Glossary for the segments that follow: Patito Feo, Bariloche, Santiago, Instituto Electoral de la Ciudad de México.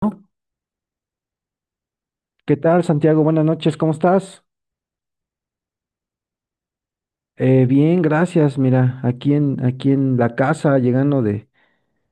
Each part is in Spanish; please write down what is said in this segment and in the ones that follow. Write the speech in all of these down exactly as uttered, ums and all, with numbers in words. ¿No? ¿Qué tal, Santiago? Buenas noches, ¿cómo estás? Eh, bien, gracias. Mira, aquí en, aquí en la casa, llegando de,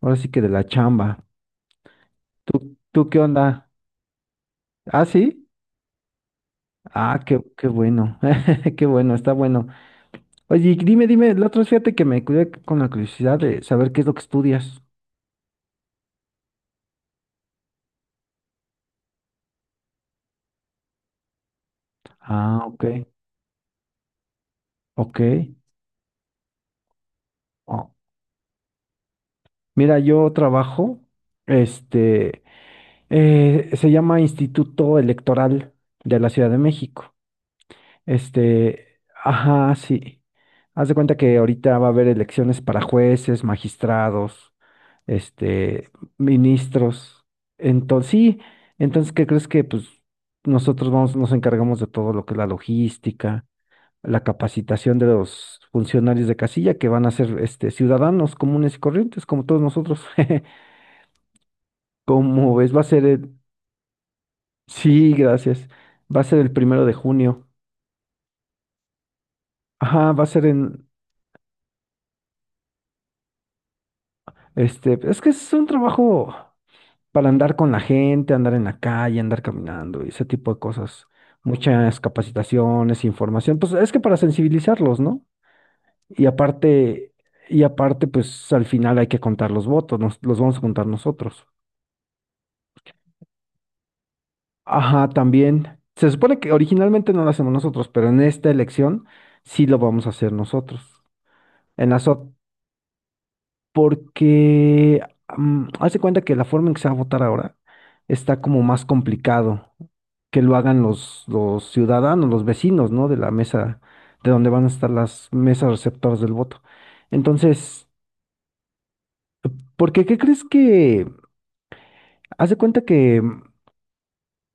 ahora sí que de la chamba. ¿Tú qué onda? ¿Ah, sí? Ah, qué, qué bueno, qué bueno, está bueno. Oye, y dime, dime, la otra vez fíjate que me cuidé con la curiosidad de saber qué es lo que estudias. Ah, ok, ok. Oh, mira, yo trabajo, este, eh, se llama Instituto Electoral de la Ciudad de México. Este, ajá, sí. Haz de cuenta que ahorita va a haber elecciones para jueces, magistrados, este, ministros. Entonces, sí, entonces, ¿qué crees que pues nosotros vamos, nos encargamos de todo lo que es la logística, la capacitación de los funcionarios de casilla que van a ser este ciudadanos comunes y corrientes, como todos nosotros? Como ves, va a ser el, sí, gracias. Va a ser el primero de junio. Ajá, va a ser en, este, es que es un trabajo para andar con la gente, andar en la calle, andar caminando y ese tipo de cosas. Muchas capacitaciones, información, pues es que para sensibilizarlos, ¿no? Y aparte, y aparte, pues al final hay que contar los votos, nos, los vamos a contar nosotros. Ajá, también. Se supone que originalmente no lo hacemos nosotros, pero en esta elección sí lo vamos a hacer nosotros. En las, ot- Porque mm, haz de cuenta que la forma en que se va a votar ahora está como más complicado que lo hagan los, los ciudadanos, los vecinos, ¿no? De la mesa, de donde van a estar las mesas receptoras del voto. Entonces, porque ¿qué crees que? Haz de cuenta que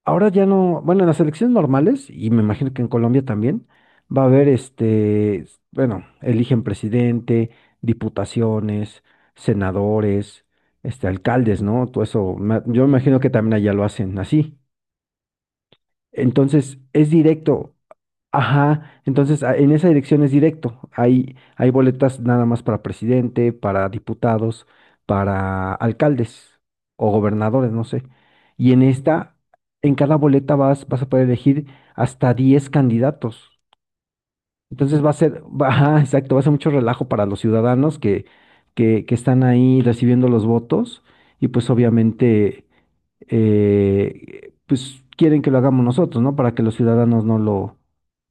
ahora ya no, bueno, en las elecciones normales, y me imagino que en Colombia también, va a haber este, s- bueno, eligen presidente, diputaciones, senadores, este, alcaldes, ¿no? Todo eso, me- yo me imagino que también allá lo hacen así. Entonces, es directo. Ajá, entonces a- en esa dirección es directo. Hay, hay boletas nada más para presidente, para diputados, para alcaldes o gobernadores, no sé. Y en esta, en cada boleta vas, vas a poder elegir hasta diez candidatos. Entonces va a ser, va- ajá, exacto, va a ser mucho relajo para los ciudadanos que, que, que están ahí recibiendo los votos. Y pues obviamente eh, pues quieren que lo hagamos nosotros, ¿no? Para que los ciudadanos no lo,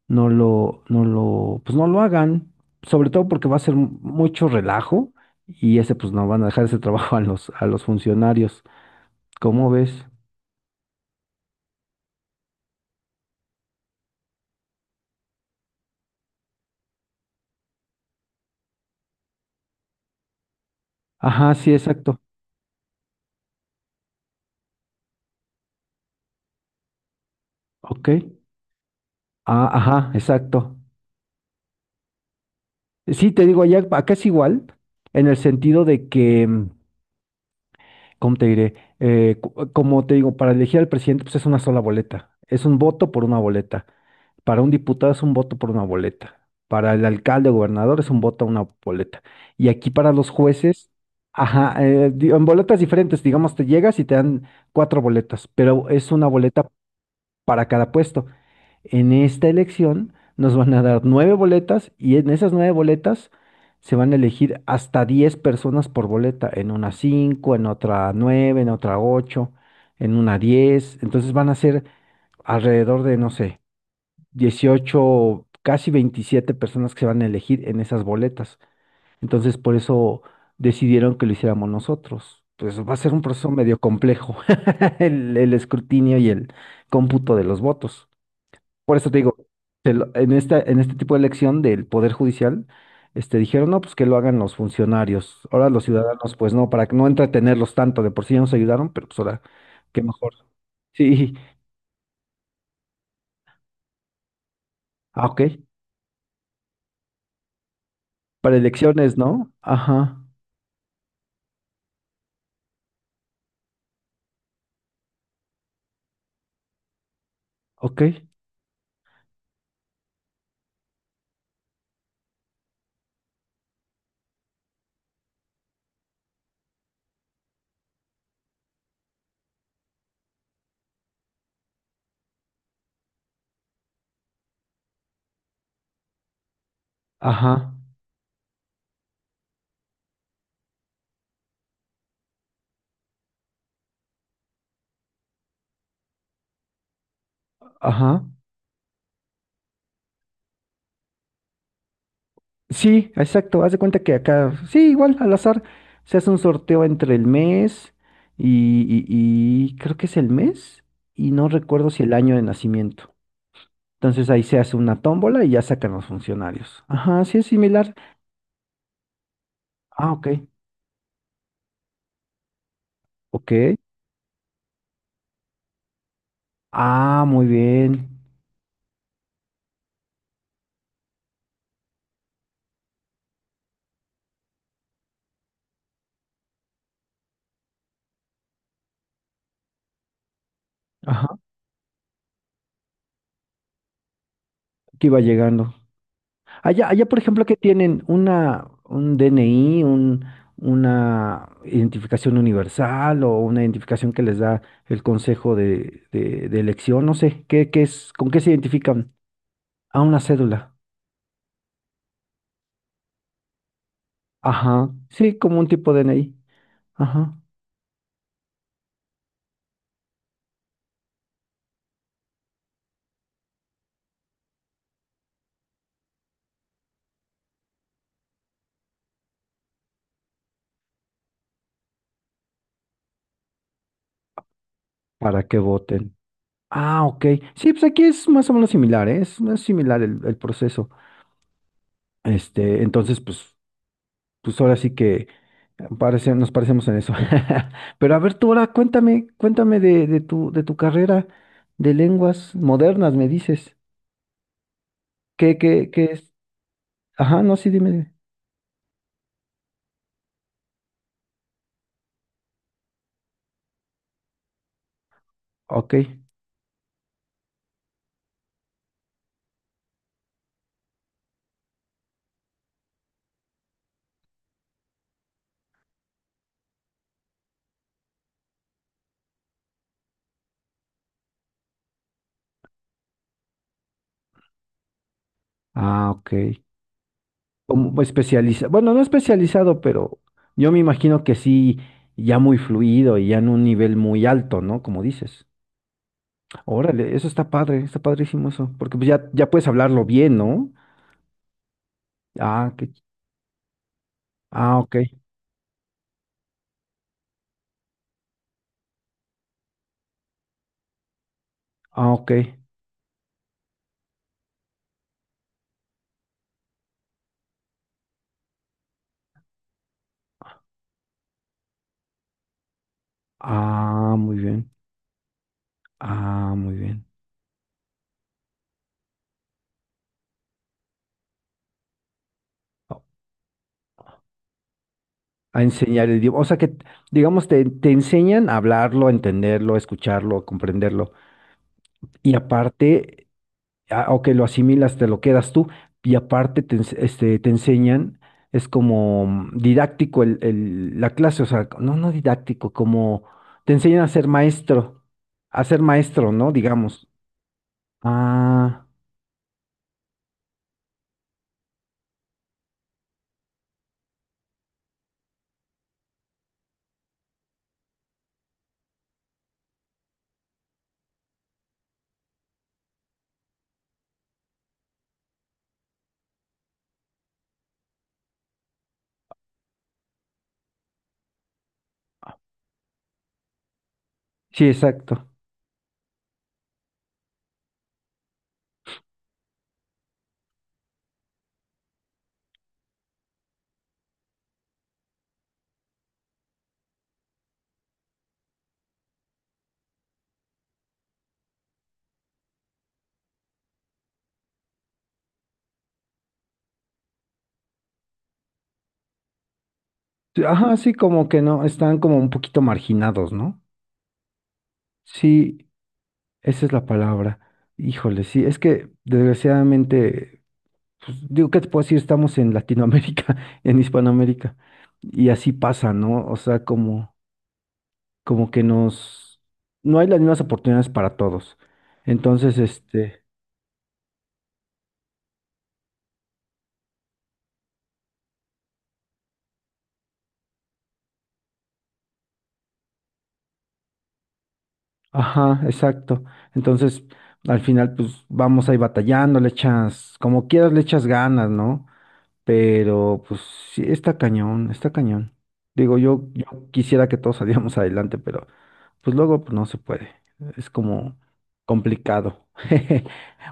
no lo, no lo, pues no lo hagan, sobre todo porque va a ser mu- mucho relajo y ese, pues no, van a dejar ese trabajo a los, a los funcionarios. ¿Cómo ves? Ajá, sí, exacto. Ok. Ah, ajá, exacto. Sí, te digo, allá, acá es igual, en el sentido de que, mm, ¿cómo te diré? Eh, cu- como te digo, para elegir al presidente, pues es una sola boleta. Es un voto por una boleta. Para un diputado es un voto por una boleta. Para el alcalde o gobernador es un voto a una boleta. Y aquí para los jueces, ajá, eh, di- en boletas diferentes, digamos, te llegas y te dan cuatro boletas, pero es una boleta para cada puesto. En esta elección nos van a dar nueve boletas y en esas nueve boletas se van a elegir hasta diez personas por boleta. En una cinco, en otra nueve, en otra ocho, en una diez. Entonces van a ser alrededor de, no sé, dieciocho casi veintisiete personas que se van a elegir en esas boletas. Entonces, por eso decidieron que lo hiciéramos nosotros. Pues va a ser un proceso medio complejo, el, el escrutinio y el cómputo de los votos. Por eso te digo, te lo- en esta, en este tipo de elección del Poder Judicial, este, dijeron, no, pues que lo hagan los funcionarios. Ahora los ciudadanos, pues no, para que no entretenerlos tanto, de por sí ya nos ayudaron, pero pues ahora, qué mejor. Sí, ah, ok, para elecciones, ¿no? Ajá, ok. Ajá, ajá. Sí, exacto. Haz de cuenta que acá, sí, igual, al azar, se hace un sorteo entre el mes y, y- y creo que es el mes y no recuerdo si el año de nacimiento. Entonces ahí se hace una tómbola y ya sacan los funcionarios. Ajá, sí es similar. Ah, ok, ok. Ah, muy bien. Ajá, aquí va llegando. Allá, allá, por ejemplo, que tienen una, un D N I, un, una identificación universal o una identificación que les da el consejo de, de, de elección, no sé, ¿qué, qué es, con qué se identifican? A una cédula. Ajá. Sí, como un tipo de D N I. Ajá. Para que voten. Ah, ok. Sí, pues aquí es más o menos similar, ¿eh? Es, es similar el, el proceso. Este, entonces, pues, pues ahora sí que parece- nos parecemos en eso. Pero a ver, tú ahora cuéntame, cuéntame de, de tu, de tu carrera de lenguas modernas, me dices. ¿Qué, qué, qué es? Ajá, no, sí, dime. dime. Ok. Ah, ok. Como especializa, bueno, no especializado, pero yo me imagino que sí, ya muy fluido y ya en un nivel muy alto, ¿no? Como dices. Órale, eso está padre, está padrísimo eso, porque pues ya, ya puedes hablarlo bien, ¿no? Ah, qué, ah, ok, ah, ok. Ah, muy bien. Ah, muy bien. O- A enseñar el idioma. O sea que, digamos, te, te enseñan a hablarlo, a entenderlo, a escucharlo, a comprenderlo. Y aparte, ah, o que lo asimilas, te lo quedas tú. Y aparte te, ens- este, te enseñan, es como mm, didáctico el, el- la clase, o sea, no, no didáctico, como te enseñan a ser maestro, a ser maestro, ¿no? Digamos. Ah, sí, exacto. Sí, ajá, sí, como que no, están como un poquito marginados, ¿no? Sí, esa es la palabra. Híjole, sí, es que desgraciadamente, pues, digo, ¿qué te puedo decir? Estamos en Latinoamérica, en Hispanoamérica, y así pasa, ¿no? O sea, como, como que nos, no hay las mismas oportunidades para todos. Entonces, este, ajá, exacto. Entonces, al final, pues vamos ahí batallando, le echas, como quieras, le echas ganas, ¿no? Pero pues sí, está cañón, está cañón. Digo, yo, yo quisiera que todos saliéramos adelante, pero pues luego pues, no se puede. Es como complicado.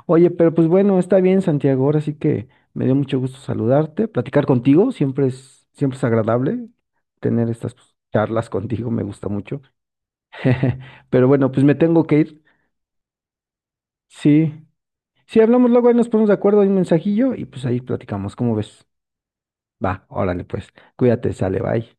Oye, pero pues bueno, está bien, Santiago. Ahora sí que me dio mucho gusto saludarte, platicar contigo. Siempre es, siempre es agradable tener estas pues, charlas contigo, me gusta mucho. Pero bueno, pues me tengo que ir. Sí. Sí, hablamos luego, ahí nos ponemos de acuerdo, hay un mensajillo y pues ahí platicamos. ¿Cómo ves? Va, órale, pues. Cuídate, sale, bye.